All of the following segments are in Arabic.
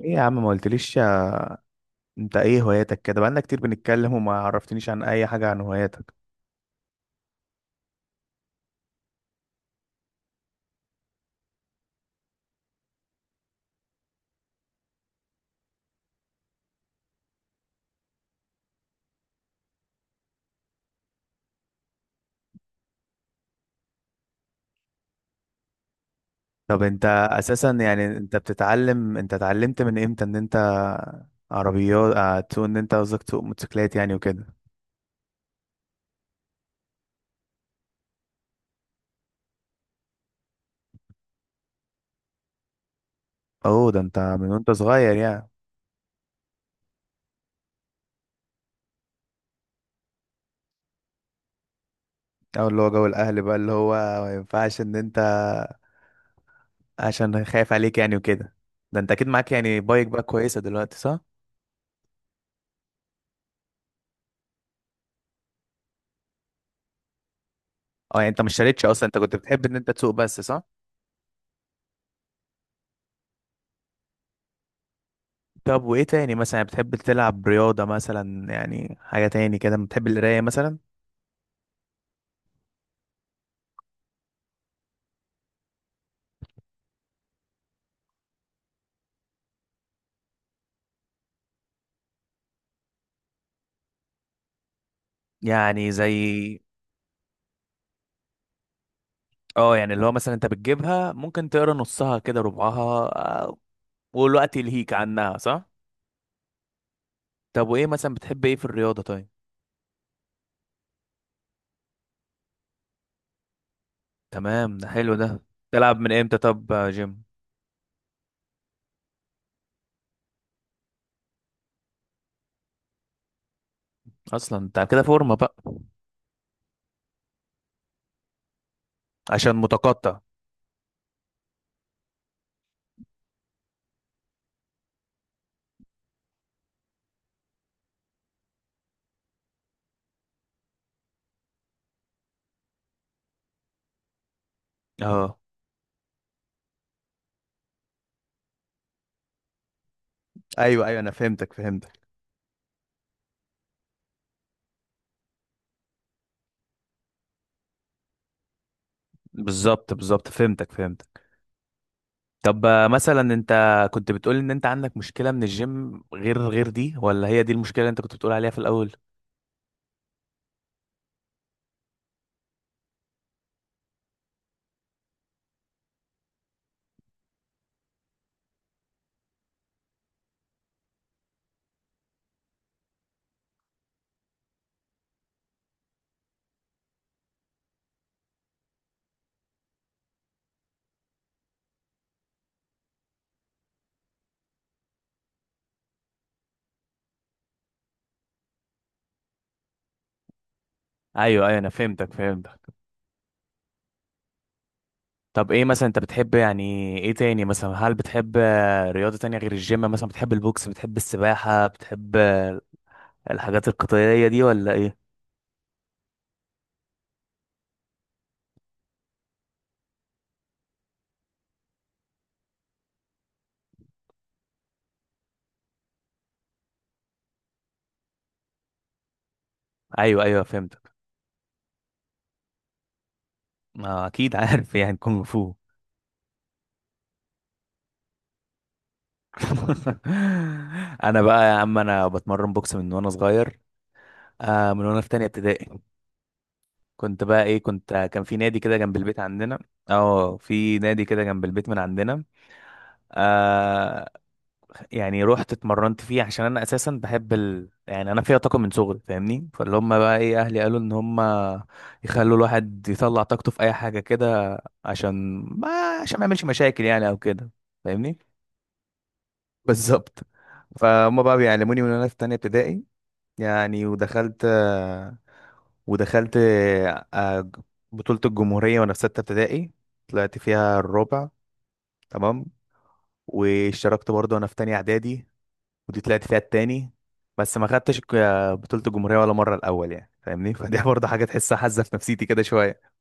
ايه يا عم، ما قلتليش انت ايه هواياتك؟ كده بقالنا كتير بنتكلم وما عرفتنيش عن اي حاجة عن هواياتك. طب انت اساسا، يعني انت اتعلمت من امتى ان انت عربيات، تسوق، ان انت قصدك تسوق موتوسيكلات يعني وكده؟ اوه، ده انت من وانت صغير يعني. او اللي هو جو الاهل بقى، اللي هو ما ينفعش ان انت عشان خايف عليك يعني وكده. ده انت اكيد معاك يعني بايك بقى كويسة دلوقتي، صح؟ اه، يعني انت ما اشتريتش اصلا، انت كنت بتحب ان انت تسوق بس، صح؟ طب وايه تاني مثلا؟ بتحب تلعب رياضة مثلا، يعني حاجة تاني كده؟ بتحب القراية مثلا؟ يعني زي، اه يعني اللي هو مثلا انت بتجيبها ممكن تقرا نصها كده ربعها. آه، والوقت يلهيك عنها، صح. طب وايه مثلا بتحب ايه في الرياضة، طيب؟ تمام، ده حلو ده. تلعب من امتى طب، يا جيم؟ اصلا انت كده فورمة بقى. عشان متقطع. اه، ايوه ايوه، انا فهمتك فهمتك. بالظبط، بالظبط، فهمتك فهمتك. طب، مثلا انت كنت بتقول ان انت عندك مشكلة من الجيم غير دي، ولا هي دي المشكلة اللي انت كنت بتقول عليها في الاول؟ ايوه ايوه، انا فهمتك فهمتك. طب، ايه مثلا انت بتحب يعني؟ ايه تاني مثلا؟ هل بتحب رياضة تانية غير الجيم؟ مثلا بتحب البوكس؟ بتحب السباحة؟ بتحب الحاجات القتالية دي، ولا ايه؟ ايوه ايوه، فهمتك. ما اكيد عارف يعني كونغ فو. انا بقى يا عم، انا بتمرن بوكس من وانا صغير. آه، من وانا في تانية ابتدائي. كنت بقى ايه، كنت، كان في نادي كده جنب البيت عندنا. اه، في نادي كده جنب البيت من عندنا. آه. يعني رحت اتمرنت فيه عشان انا اساسا بحب يعني انا فيها طاقه من صغري، فاهمني؟ فاللي هم بقى ايه، اهلي قالوا ان هم يخلوا الواحد يطلع طاقته في اي حاجه كده. عشان ما عشان ما يعملش مشاكل يعني او كده. فاهمني. بالظبط. فهم بقى بيعلموني من وانا في تانية ابتدائي. يعني ودخلت آه، بطولة الجمهورية وانا في 6 ابتدائي. طلعت فيها الرابع. تمام. واشتركت برضه وانا في تانية اعدادي. ودي طلعت فيها التاني. بس ما خدتش بطولة الجمهورية ولا مرة الأول، يعني فاهمني. فدي برضه حاجة تحسها حزة في نفسيتي كده شوية.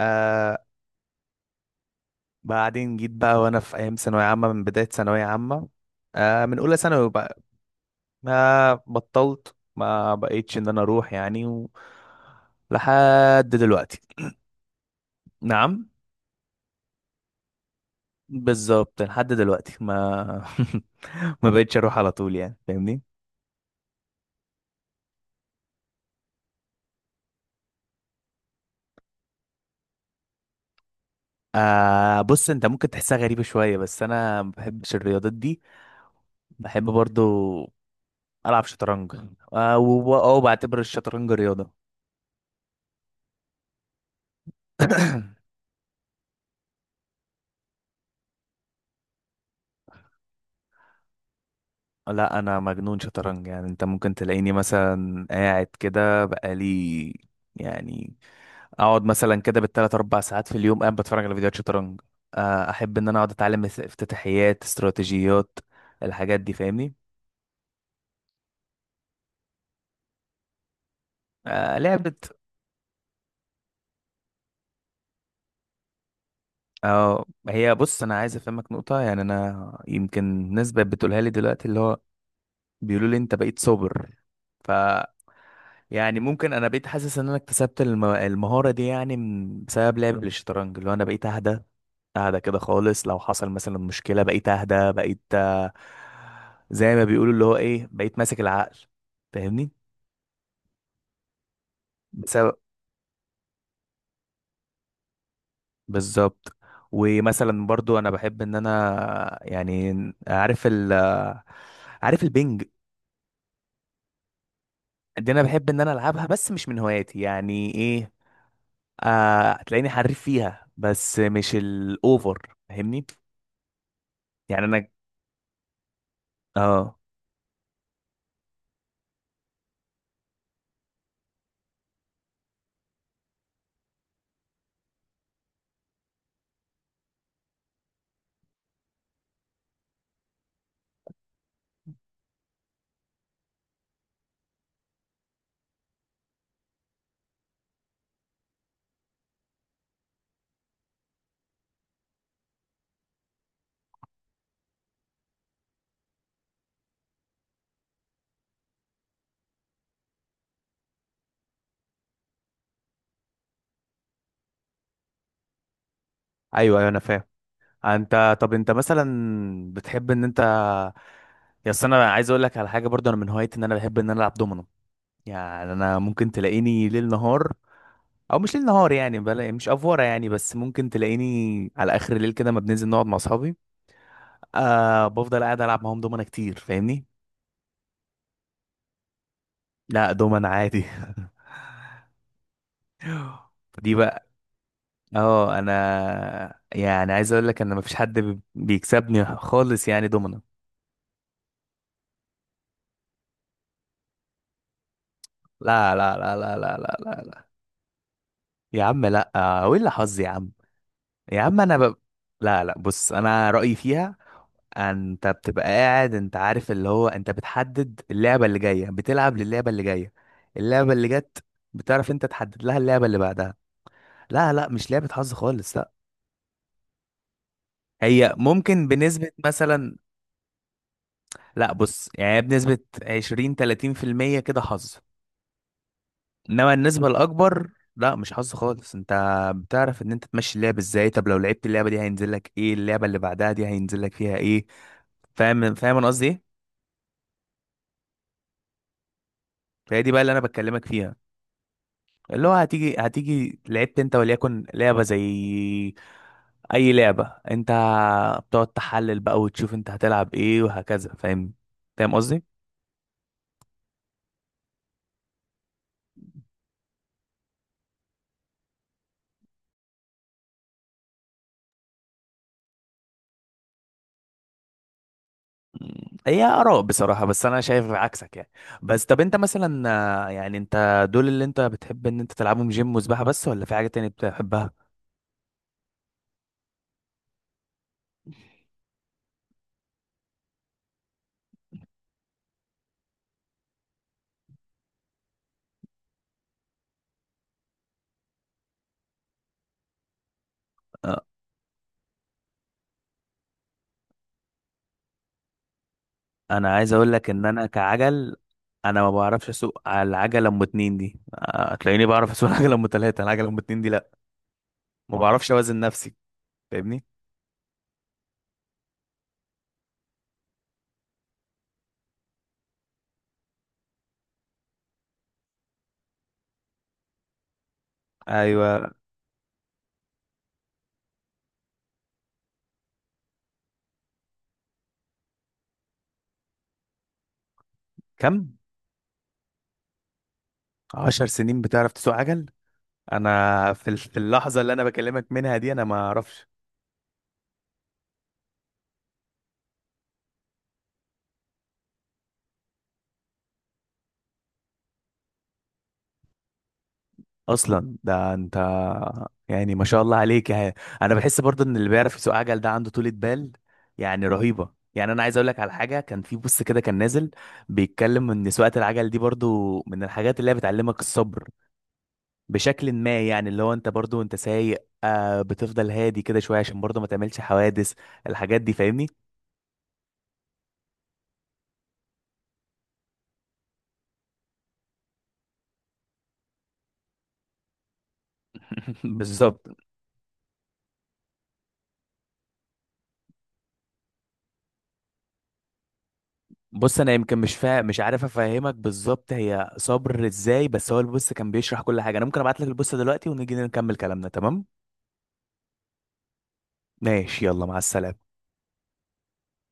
آه. بعدين جيت بقى وأنا في أيام ثانوية عامة، من بداية ثانوية عامة. آه، من أولى ثانوي بقى. ما بقيتش إن أنا أروح يعني لحد دلوقتي. نعم. بالظبط لحد دلوقتي ما ما بقتش أروح على طول يعني، فاهمني. آه، بص انت ممكن تحسها غريبة شوية، بس انا ما بحبش الرياضات دي. بحب برضو ألعب شطرنج. أو بعتبر الشطرنج رياضة. لا، أنا مجنون شطرنج، يعني أنت ممكن تلاقيني مثلا قاعد كده بقالي، يعني أقعد مثلا كده بالتلات أربع ساعات في اليوم قاعد بتفرج على فيديوهات شطرنج. أحب إن أنا أقعد أتعلم افتتاحيات، استراتيجيات، الحاجات دي، فاهمني. آه، لعبة. اه، هي بص، أنا عايز أفهمك نقطة، يعني أنا يمكن ناس بقت بتقولها لي دلوقتي اللي هو بيقولوا لي أنت بقيت صابر. ف يعني ممكن انا بقيت حاسس ان انا اكتسبت المهارة دي، يعني بسبب لعب الشطرنج، اللي هو انا بقيت اهدى، اهدى كده خالص، لو حصل مثلا مشكلة بقيت اهدى، بقيت زي ما بيقولوا اللي هو ايه، بقيت ماسك العقل. فاهمني. بسبب، بالظبط. ومثلا برضو انا بحب ان انا يعني، عارف ال عارف البنج دي، انا بحب ان انا العبها، بس مش من هواياتي يعني، ايه، آه هتلاقيني حريف فيها بس مش الاوفر، فاهمني. يعني انا، اه. ايوه ايوه، انا فاهم. انت طب انت مثلا بتحب ان انت، يا أصل انا عايز اقول لك على حاجه، برضو انا من هوايتي ان انا بحب ان انا العب دومينو. يعني انا ممكن تلاقيني ليل نهار، او مش ليل نهار يعني، بلا مش افوره يعني، بس ممكن تلاقيني على اخر الليل كده ما بننزل نقعد مع اصحابي. آه، بفضل قاعد العب معاهم دومنا كتير، فاهمني. لا، دومنا عادي. دي بقى، اه انا يعني عايز اقول لك ان مفيش حد بيكسبني خالص يعني، دومنا. لا، لا، لا، لا، لا، لا، لا، لا. يا عم، لا، ولا حظ يا عم. يا عم انا لا، لا، بص انا رأيي فيها. انت بتبقى قاعد، انت عارف اللي هو، انت بتحدد اللعبة اللي جاية بتلعب للعبة اللي جاية. اللعبة اللي جت بتعرف انت تحدد لها اللعبة اللي بعدها. لا، لا، مش لعبة حظ خالص، لا. هي ممكن بنسبة مثلا، لا بص يعني بنسبة 20 30% كده حظ، انما النسبه الاكبر، لا مش حظ خالص، انت بتعرف ان انت تمشي اللعب ازاي، طب لو لعبت اللعبه دي هينزل لك ايه، اللعبه اللي بعدها دي هينزل لك فيها ايه. فاهم؟ فاهم انا قصدي ايه؟ فهي دي بقى اللي انا بكلمك فيها. اللي هو هتيجي لعبت انت وليكن لعبه زي اي لعبه، انت بتقعد تحلل بقى وتشوف انت هتلعب ايه وهكذا، فاهم؟ فاهم قصدي. هي آراء بصراحة، بس أنا شايف عكسك يعني. بس طب أنت مثلا، يعني أنت دول اللي أنت بتحب إن أنت تلعبهم جيم وسباحة بس، ولا في حاجة تانية بتحبها؟ آه، أنا عايز أقول لك إن أنا كعجل، أنا ما بعرفش أسوق على العجلة أم اتنين دي. هتلاقيني بعرف أسوق العجلة أم تلاتة. العجلة أم اتنين دي لأ، ما بعرفش أوازن نفسي. فاهمني؟ أيوه. كم؟ 10 سنين بتعرف تسوق عجل؟ أنا في اللحظة اللي أنا بكلمك منها دي أنا ما أعرفش. اصلا ده انت، يعني ما شاء الله عليك يعني. انا بحس برضه ان اللي بيعرف يسوق عجل ده عنده طولة بال يعني رهيبة. يعني انا عايز اقول لك على حاجه، كان في بوست كده كان نازل بيتكلم ان سواقه العجل دي برضو من الحاجات اللي هي بتعلمك الصبر، بشكل ما يعني، اللي هو انت برضو انت سايق، بتفضل هادي كده شويه عشان برضو ما تعملش حوادث، الحاجات دي، فاهمني. بالظبط. بص انا يمكن مش عارف افهمك بالظبط هي صبر ازاي، بس هو البوست كان بيشرح كل حاجه. انا ممكن ابعت لك البوست دلوقتي ونيجي نكمل كلامنا، تمام؟ ماشي، يلا، مع السلامه.